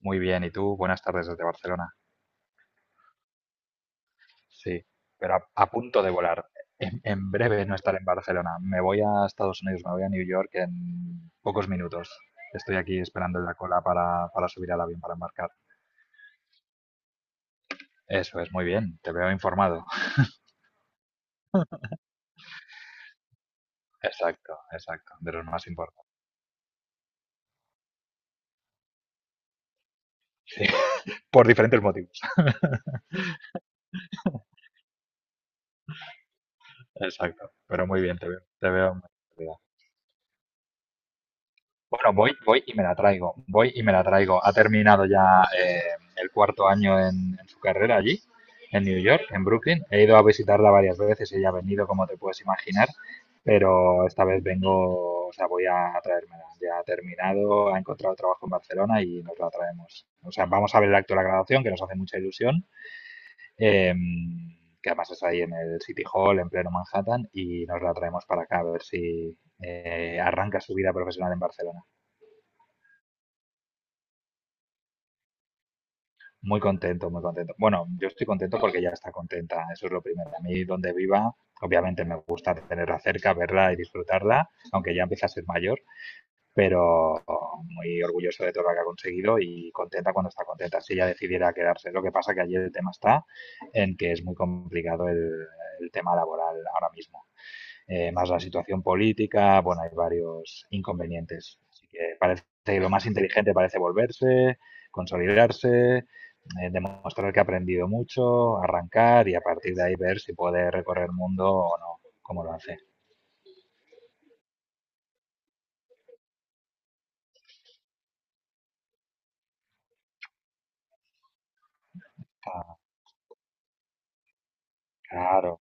Muy bien, ¿y tú? Buenas tardes desde Barcelona. Sí, pero a punto de volar. En breve no estaré en Barcelona. Me voy a Estados Unidos, me voy a New York en pocos minutos. Estoy aquí esperando en la cola para subir al avión, para embarcar. Eso es, muy bien, te veo informado. Exacto, exacto, de los más importantes. Sí, por diferentes motivos. Exacto, pero muy bien, te veo. Te veo. Bueno, voy, voy y me la traigo, voy y me la traigo. Ha terminado ya el cuarto año en su carrera allí, en New York, en Brooklyn. He ido a visitarla varias veces, ella ha venido, como te puedes imaginar, pero esta vez vengo, o sea, voy a traérmela. Ya ha terminado, ha encontrado trabajo en Barcelona y nos la traemos. O sea, vamos a ver el acto de la graduación, que nos hace mucha ilusión, eh, que además es ahí en el City Hall, en pleno Manhattan, y nos la traemos para acá a ver si arranca su vida profesional en Barcelona. Muy contento, muy contento. Bueno, yo estoy contento porque ya está contenta, eso es lo primero. A mí donde viva, obviamente me gusta tenerla cerca, verla y disfrutarla, aunque ya empieza a ser mayor, pero muy orgulloso de todo lo que ha conseguido y contenta cuando está contenta. Si ella decidiera quedarse, lo que pasa que allí el tema está en que es muy complicado el tema laboral ahora mismo, más la situación política. Bueno, hay varios inconvenientes. Así que parece que lo más inteligente parece volverse, consolidarse, demostrar que ha aprendido mucho, arrancar y a partir de ahí ver si puede recorrer el mundo o no, como lo hace. Ah, claro.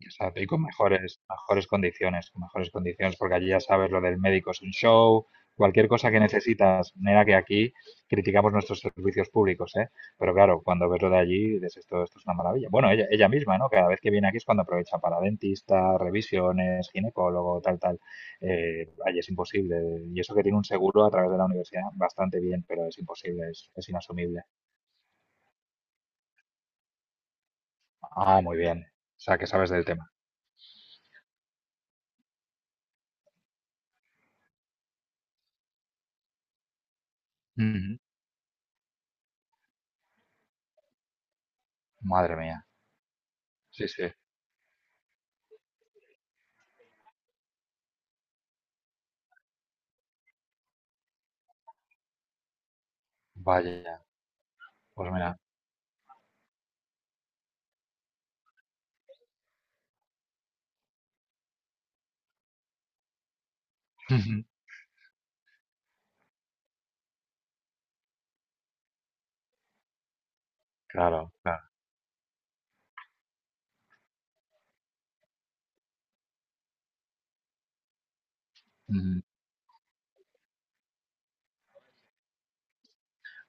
Exacto, y con mejores, mejores condiciones, con mejores condiciones, porque allí ya sabes lo del médico es un show, cualquier cosa que necesitas, mira que aquí criticamos nuestros servicios públicos, ¿eh? Pero claro, cuando ves lo de allí, dices esto es una maravilla. Bueno, ella misma, ¿no? Cada vez que viene aquí es cuando aprovecha para dentista, revisiones, ginecólogo, tal, tal. Allí es imposible. Y eso que tiene un seguro a través de la universidad, bastante bien, pero es imposible, es inasumible. Ah, muy bien. O sea, que sabes del tema. Ujú. Madre mía. Sí, sí. Vaya. Pues mira, claro, claro. Ujú.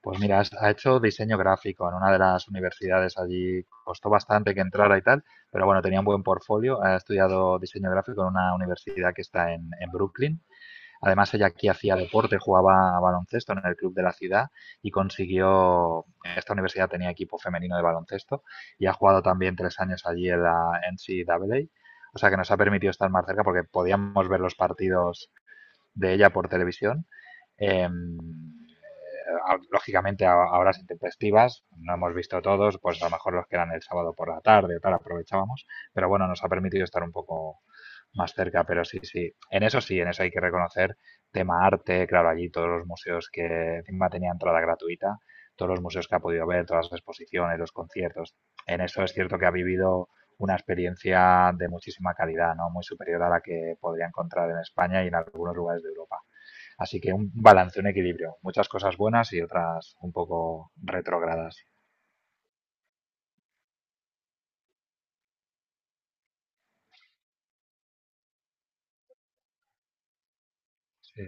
Pues mira, ha hecho diseño gráfico en una de las universidades allí, costó bastante que entrara y tal, pero bueno, tenía un buen portfolio, ha estudiado diseño gráfico en una universidad que está en Brooklyn. Además, ella aquí hacía deporte, jugaba a baloncesto en el club de la ciudad y consiguió, esta universidad tenía equipo femenino de baloncesto y ha jugado también tres años allí en la N C A. A. O sea que nos ha permitido estar más cerca porque podíamos ver los partidos de ella por televisión. Em, lógicamente a horas intempestivas, no hemos visto todos, pues a lo mejor los que eran el sábado por la tarde o tal, aprovechábamos, pero bueno, nos ha permitido estar un poco más cerca, pero sí, sí, en eso hay que reconocer tema arte, claro, allí todos los museos que encima tenía entrada gratuita, todos los museos que ha podido ver, todas las exposiciones, los conciertos, en eso es cierto que ha vivido una experiencia de muchísima calidad, ¿no? Muy superior a la que podría encontrar en España y en algunos lugares de Europa. Así que un balance, un equilibrio. Muchas cosas buenas y otras un poco retrogradas. Sí,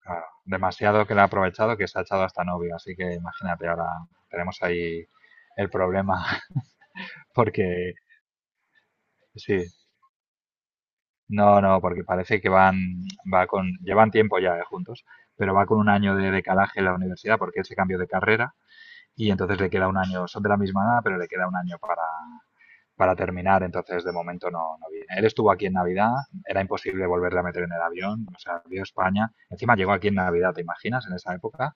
claro. Demasiado que le ha aprovechado que se ha echado hasta novio. Así que imagínate, ahora tenemos ahí el problema. Porque sí, no, no, porque parece que van, va con, llevan tiempo ya juntos, pero va con un año de decalaje en la universidad porque él se cambió de carrera y entonces le queda un año, son de la misma edad, pero le queda un año para terminar, entonces de momento no, no viene. Él estuvo aquí en Navidad, era imposible volverle a meter en el avión, o sea, vio España. Encima llegó aquí en Navidad, ¿te imaginas? En esa época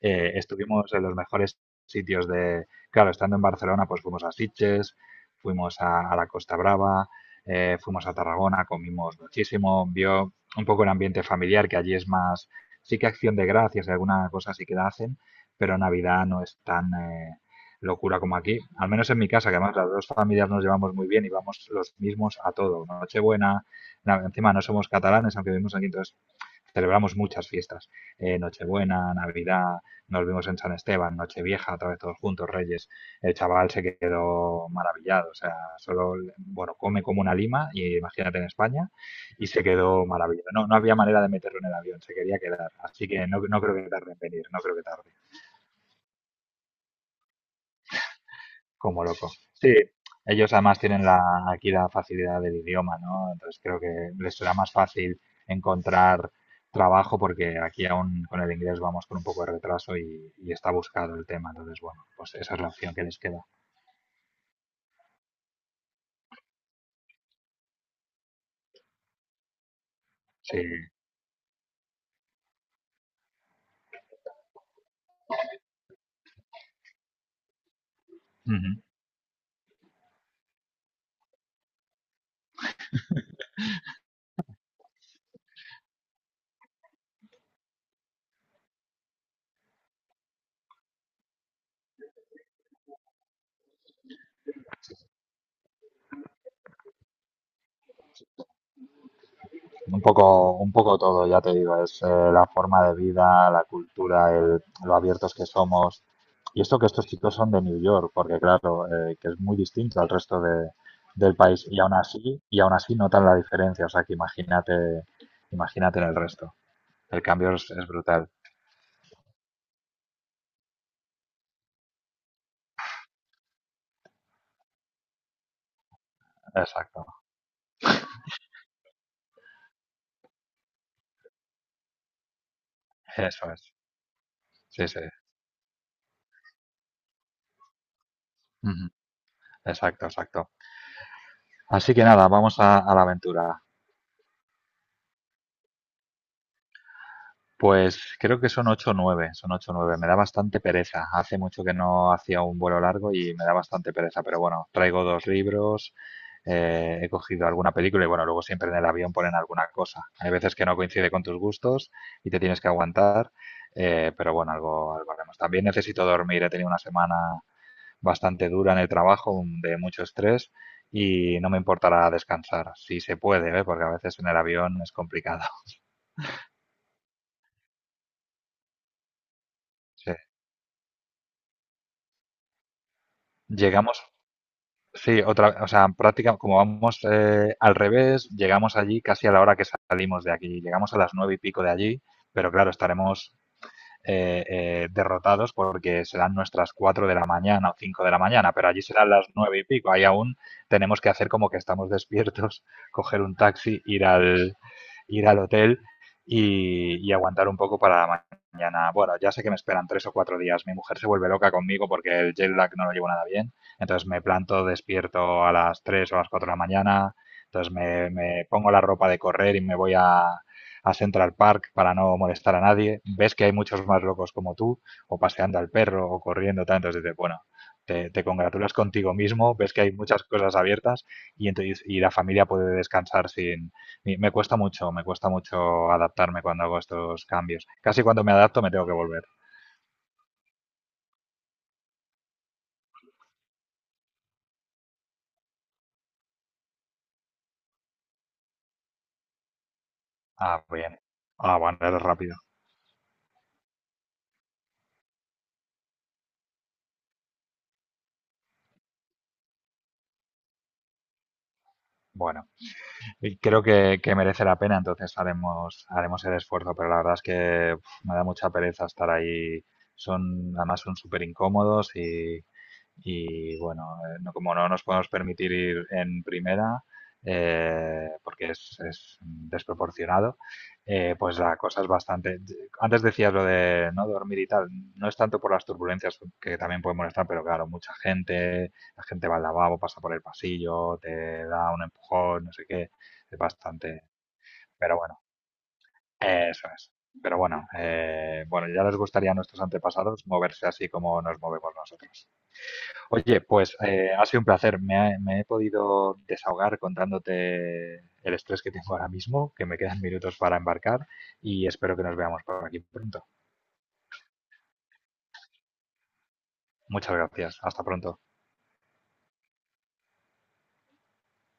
estuvimos en los mejores sitios de, claro, estando en Barcelona, pues fuimos a Sitges, fuimos a la Costa Brava, fuimos a Tarragona, comimos muchísimo, vio un poco el ambiente familiar, que allí es más, sí que acción de gracias y alguna cosa sí que la hacen, pero Navidad no es tan locura como aquí, al menos en mi casa, que además las dos familias nos llevamos muy bien y vamos los mismos a todo, Nochebuena, encima no somos catalanes, aunque vivimos aquí, entonces celebramos muchas fiestas. Nochebuena, Navidad, nos vimos en San Esteban, Nochevieja, otra vez todos juntos, Reyes. El chaval se quedó maravillado, o sea, solo, bueno, come como una lima, y imagínate en España, y se quedó maravillado. No, no había manera de meterlo en el avión, se quería quedar. Así que no, no creo que tarde en venir, no creo que tarde. Como loco. Sí, ellos además tienen la, aquí la facilidad del idioma, ¿no? Entonces creo que les será más fácil encontrar trabajo porque aquí aún con el inglés vamos con un poco de retraso y está buscado el tema. Entonces, bueno, pues esa es la opción que les queda. Sí. Ujú. Un poco todo, ya te digo, es la forma de vida, la cultura, lo abiertos que somos. Y esto que estos chicos son de New York, porque claro, que es muy distinto al resto de, del país. Y aún así notan la diferencia. O sea que imagínate, imagínate en el resto. El cambio es brutal. Exacto. Eso es. Sí, sí. Ujú. Exacto, exacto. Así que nada, vamos a la aventura. Pues creo que son 8 o nueve, son 8 o nueve. Me da bastante pereza. Hace mucho que no hacía un vuelo largo y me da bastante pereza, pero bueno, traigo dos libros, he cogido alguna película y bueno, luego siempre en el avión ponen alguna cosa. Hay veces que no coincide con tus gustos y te tienes que aguantar, pero bueno, algo, algo haremos. También necesito dormir, he tenido una semana bastante dura en el trabajo, de mucho estrés, y no me importará descansar, si se puede, ¿eh? Porque a veces en el avión es complicado. Sí. Llegamos. Sí, otra, o sea, práctica, como vamos al revés, llegamos allí casi a la hora que salimos de aquí. Llegamos a las nueve y pico de allí, pero claro, estaremos derrotados porque serán nuestras 4 de la mañana o 5 de la mañana, pero allí serán las 9 y pico. Ahí aún tenemos que hacer como que estamos despiertos, coger un taxi, ir al hotel y aguantar un poco para la mañana. Bueno, ya sé que me esperan 3 o 4 días. Mi mujer se vuelve loca conmigo porque el jet lag no lo llevo nada bien. Entonces me planto despierto a las 3 o a las 4 de la mañana. Entonces me pongo la ropa de correr y me voy a Central Park para no molestar a nadie, ves que hay muchos más locos como tú, o paseando al perro, o corriendo, tanto entonces bueno, te congratulas contigo mismo, ves que hay muchas cosas abiertas y, entonces, y la familia puede descansar sin. Y me cuesta mucho, me cuesta mucho adaptarme cuando hago estos cambios. Casi cuando me adapto me tengo que volver. Ah, bien. Ah, bueno, eres rápido. Bueno. Y creo que merece la pena, entonces haremos el esfuerzo, pero la verdad es que uf, me da mucha pereza estar ahí. Son, además son súper incómodos y bueno, no, como no nos podemos permitir ir en primera, porque es desproporcionado, pues la cosa es bastante. Antes decías lo de no dormir y tal, no es tanto por las turbulencias que también pueden molestar, pero claro, mucha gente, la gente va al lavabo, pasa por el pasillo, te da un empujón, no sé qué, es bastante. Pero bueno, eso es. Pero bueno, bueno, ya les gustaría a nuestros antepasados moverse así como nos movemos nosotros. Oye, pues ha sido un placer. Me he podido desahogar contándote el estrés que tengo ahora mismo, que me quedan minutos para embarcar y espero que nos veamos por aquí pronto. Muchas gracias. Hasta pronto.